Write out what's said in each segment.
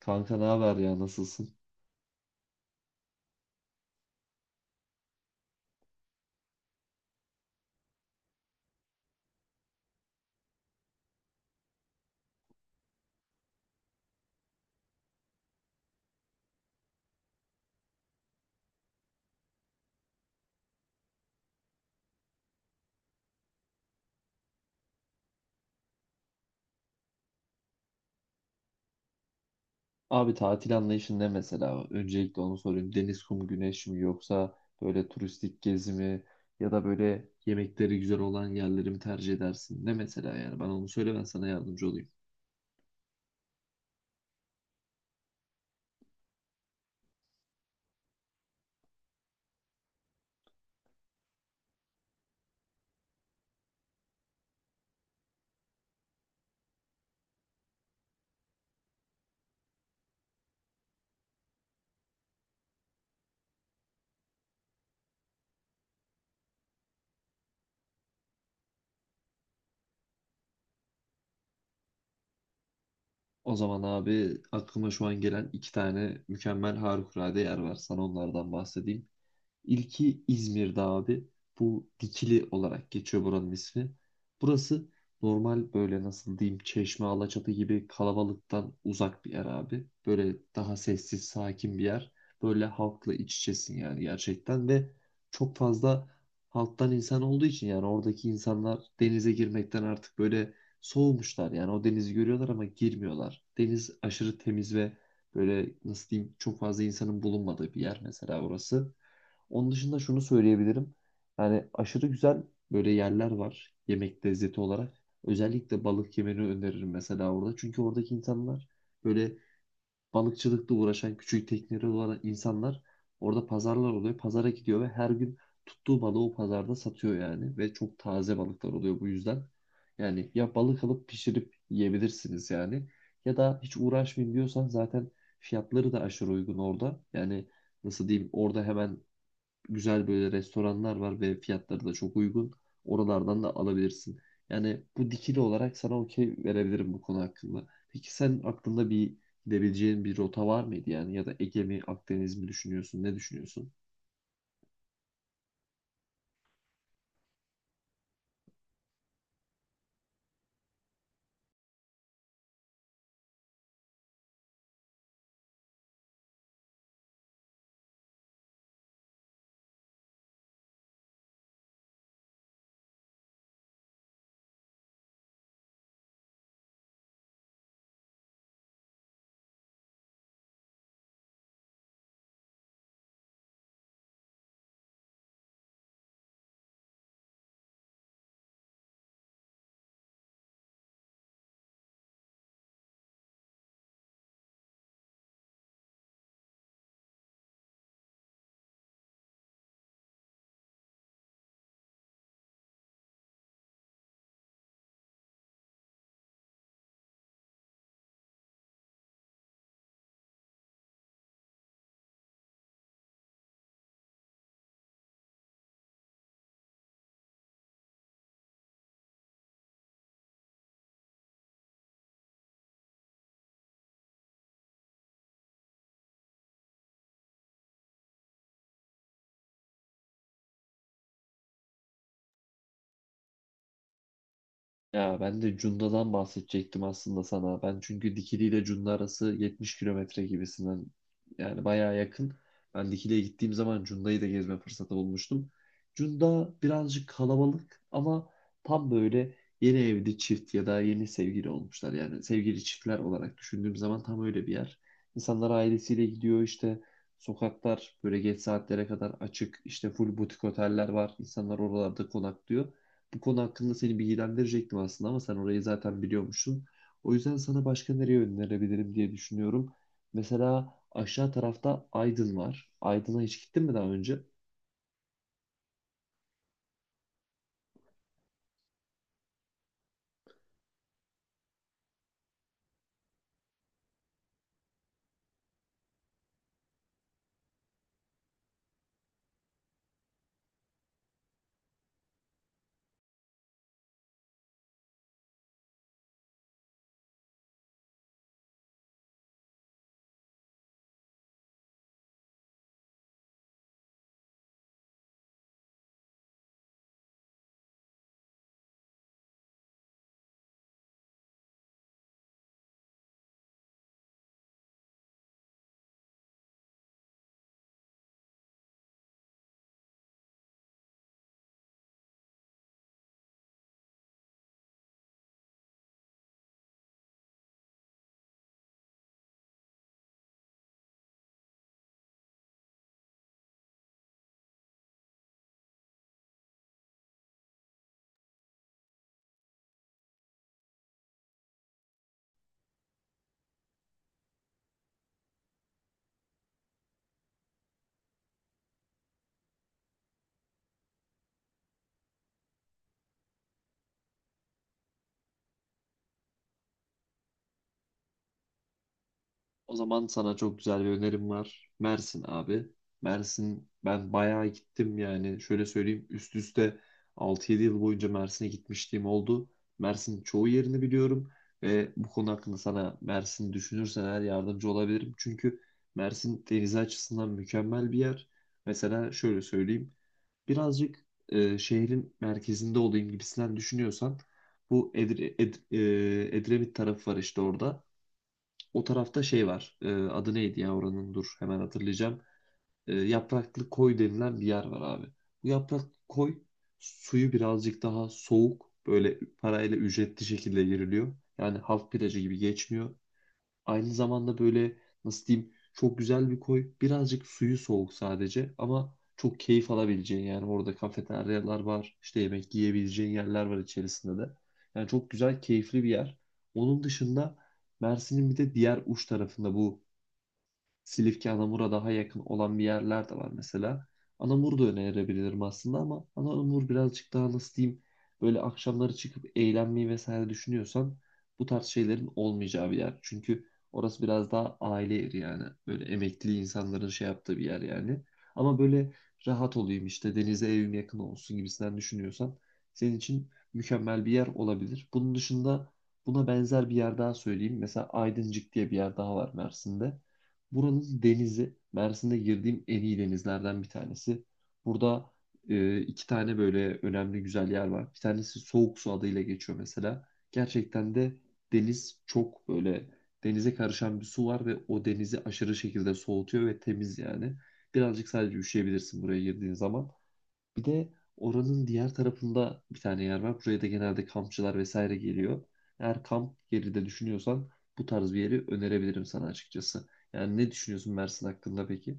Kanka ne haber ya nasılsın? Abi tatil anlayışın ne mesela? Öncelikle onu sorayım. Deniz, kum, güneş mi yoksa böyle turistik gezi mi ya da böyle yemekleri güzel olan yerleri mi tercih edersin? Ne mesela yani? Bana onu söyle ben sana yardımcı olayım. O zaman abi aklıma şu an gelen iki tane mükemmel harikulade yer var. Sana onlardan bahsedeyim. İlki İzmir'de abi. Bu Dikili olarak geçiyor buranın ismi. Burası normal böyle nasıl diyeyim Çeşme, Alaçatı gibi kalabalıktan uzak bir yer abi. Böyle daha sessiz, sakin bir yer. Böyle halkla iç içesin yani gerçekten ve çok fazla halktan insan olduğu için yani oradaki insanlar denize girmekten artık böyle soğumuşlar. Yani o denizi görüyorlar ama girmiyorlar. Deniz aşırı temiz ve böyle nasıl diyeyim çok fazla insanın bulunmadığı bir yer mesela orası. Onun dışında şunu söyleyebilirim. Yani aşırı güzel böyle yerler var yemek lezzeti olarak. Özellikle balık yemeni öneririm mesela orada. Çünkü oradaki insanlar böyle balıkçılıkla uğraşan küçük tekneleri olan insanlar orada pazarlar oluyor. Pazara gidiyor ve her gün tuttuğu balığı o pazarda satıyor yani. Ve çok taze balıklar oluyor bu yüzden. Yani ya balık alıp pişirip yiyebilirsiniz yani. Ya da hiç uğraşmayayım diyorsan zaten fiyatları da aşırı uygun orada. Yani nasıl diyeyim orada hemen güzel böyle restoranlar var ve fiyatları da çok uygun. Oralardan da alabilirsin. Yani bu dikili olarak sana okey verebilirim bu konu hakkında. Peki sen aklında bir gidebileceğin bir rota var mıydı yani ya da Ege mi Akdeniz mi düşünüyorsun ne düşünüyorsun? Ya ben de Cunda'dan bahsedecektim aslında sana. Ben çünkü Dikili ile Cunda arası 70 kilometre gibisinden yani bayağı yakın. Ben Dikili'ye gittiğim zaman Cunda'yı da gezme fırsatı bulmuştum. Cunda birazcık kalabalık ama tam böyle yeni evli çift ya da yeni sevgili olmuşlar. Yani sevgili çiftler olarak düşündüğüm zaman tam öyle bir yer. İnsanlar ailesiyle gidiyor işte sokaklar böyle geç saatlere kadar açık işte full butik oteller var. İnsanlar oralarda konaklıyor. Bu konu hakkında seni bilgilendirecektim aslında ama sen orayı zaten biliyormuşsun. O yüzden sana başka nereye önerebilirim diye düşünüyorum. Mesela aşağı tarafta Aydın var. Aydın'a hiç gittin mi daha önce? O zaman sana çok güzel bir önerim var. Mersin abi. Mersin ben bayağı gittim yani. Şöyle söyleyeyim üst üste 6-7 yıl boyunca Mersin'e gitmişliğim oldu. Mersin'in çoğu yerini biliyorum ve bu konu hakkında sana Mersin düşünürsen eğer yardımcı olabilirim. Çünkü Mersin deniz açısından mükemmel bir yer. Mesela şöyle söyleyeyim. Birazcık şehrin merkezinde olayım gibisinden düşünüyorsan bu Edremit tarafı var işte orada. O tarafta şey var. Adı neydi ya oranın? Dur hemen hatırlayacağım. Yapraklı Koy denilen bir yer var abi. Bu Yapraklı Koy suyu birazcık daha soğuk. Böyle parayla ücretli şekilde giriliyor. Yani halk plajı gibi geçmiyor. Aynı zamanda böyle nasıl diyeyim çok güzel bir koy. Birazcık suyu soğuk sadece ama çok keyif alabileceğin yani orada kafeteryalar var. İşte yemek yiyebileceğin yerler var içerisinde de. Yani çok güzel keyifli bir yer. Onun dışında Mersin'in bir de diğer uç tarafında bu Silifke, Anamur'a daha yakın olan bir yerler de var mesela. Anamur da önerebilirim aslında ama Anamur birazcık daha nasıl diyeyim böyle akşamları çıkıp eğlenmeyi vesaire düşünüyorsan bu tarz şeylerin olmayacağı bir yer. Çünkü orası biraz daha aile yeri yani. Böyle emekli insanların şey yaptığı bir yer yani. Ama böyle rahat olayım işte denize evim yakın olsun gibisinden düşünüyorsan senin için mükemmel bir yer olabilir. Bunun dışında buna benzer bir yer daha söyleyeyim. Mesela Aydıncık diye bir yer daha var Mersin'de. Buranın denizi Mersin'de girdiğim en iyi denizlerden bir tanesi. Burada iki tane böyle önemli güzel yer var. Bir tanesi Soğuk Su adıyla geçiyor mesela. Gerçekten de deniz çok böyle denize karışan bir su var ve o denizi aşırı şekilde soğutuyor ve temiz yani. Birazcık sadece üşüyebilirsin buraya girdiğin zaman. Bir de oranın diğer tarafında bir tane yer var. Buraya da genelde kampçılar vesaire geliyor. Eğer kamp yeri de düşünüyorsan bu tarz bir yeri önerebilirim sana açıkçası. Yani ne düşünüyorsun Mersin hakkında peki?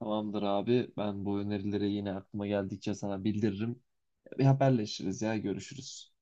Tamamdır abi. Ben bu önerileri yine aklıma geldikçe sana bildiririm. Bir haberleşiriz ya. Görüşürüz.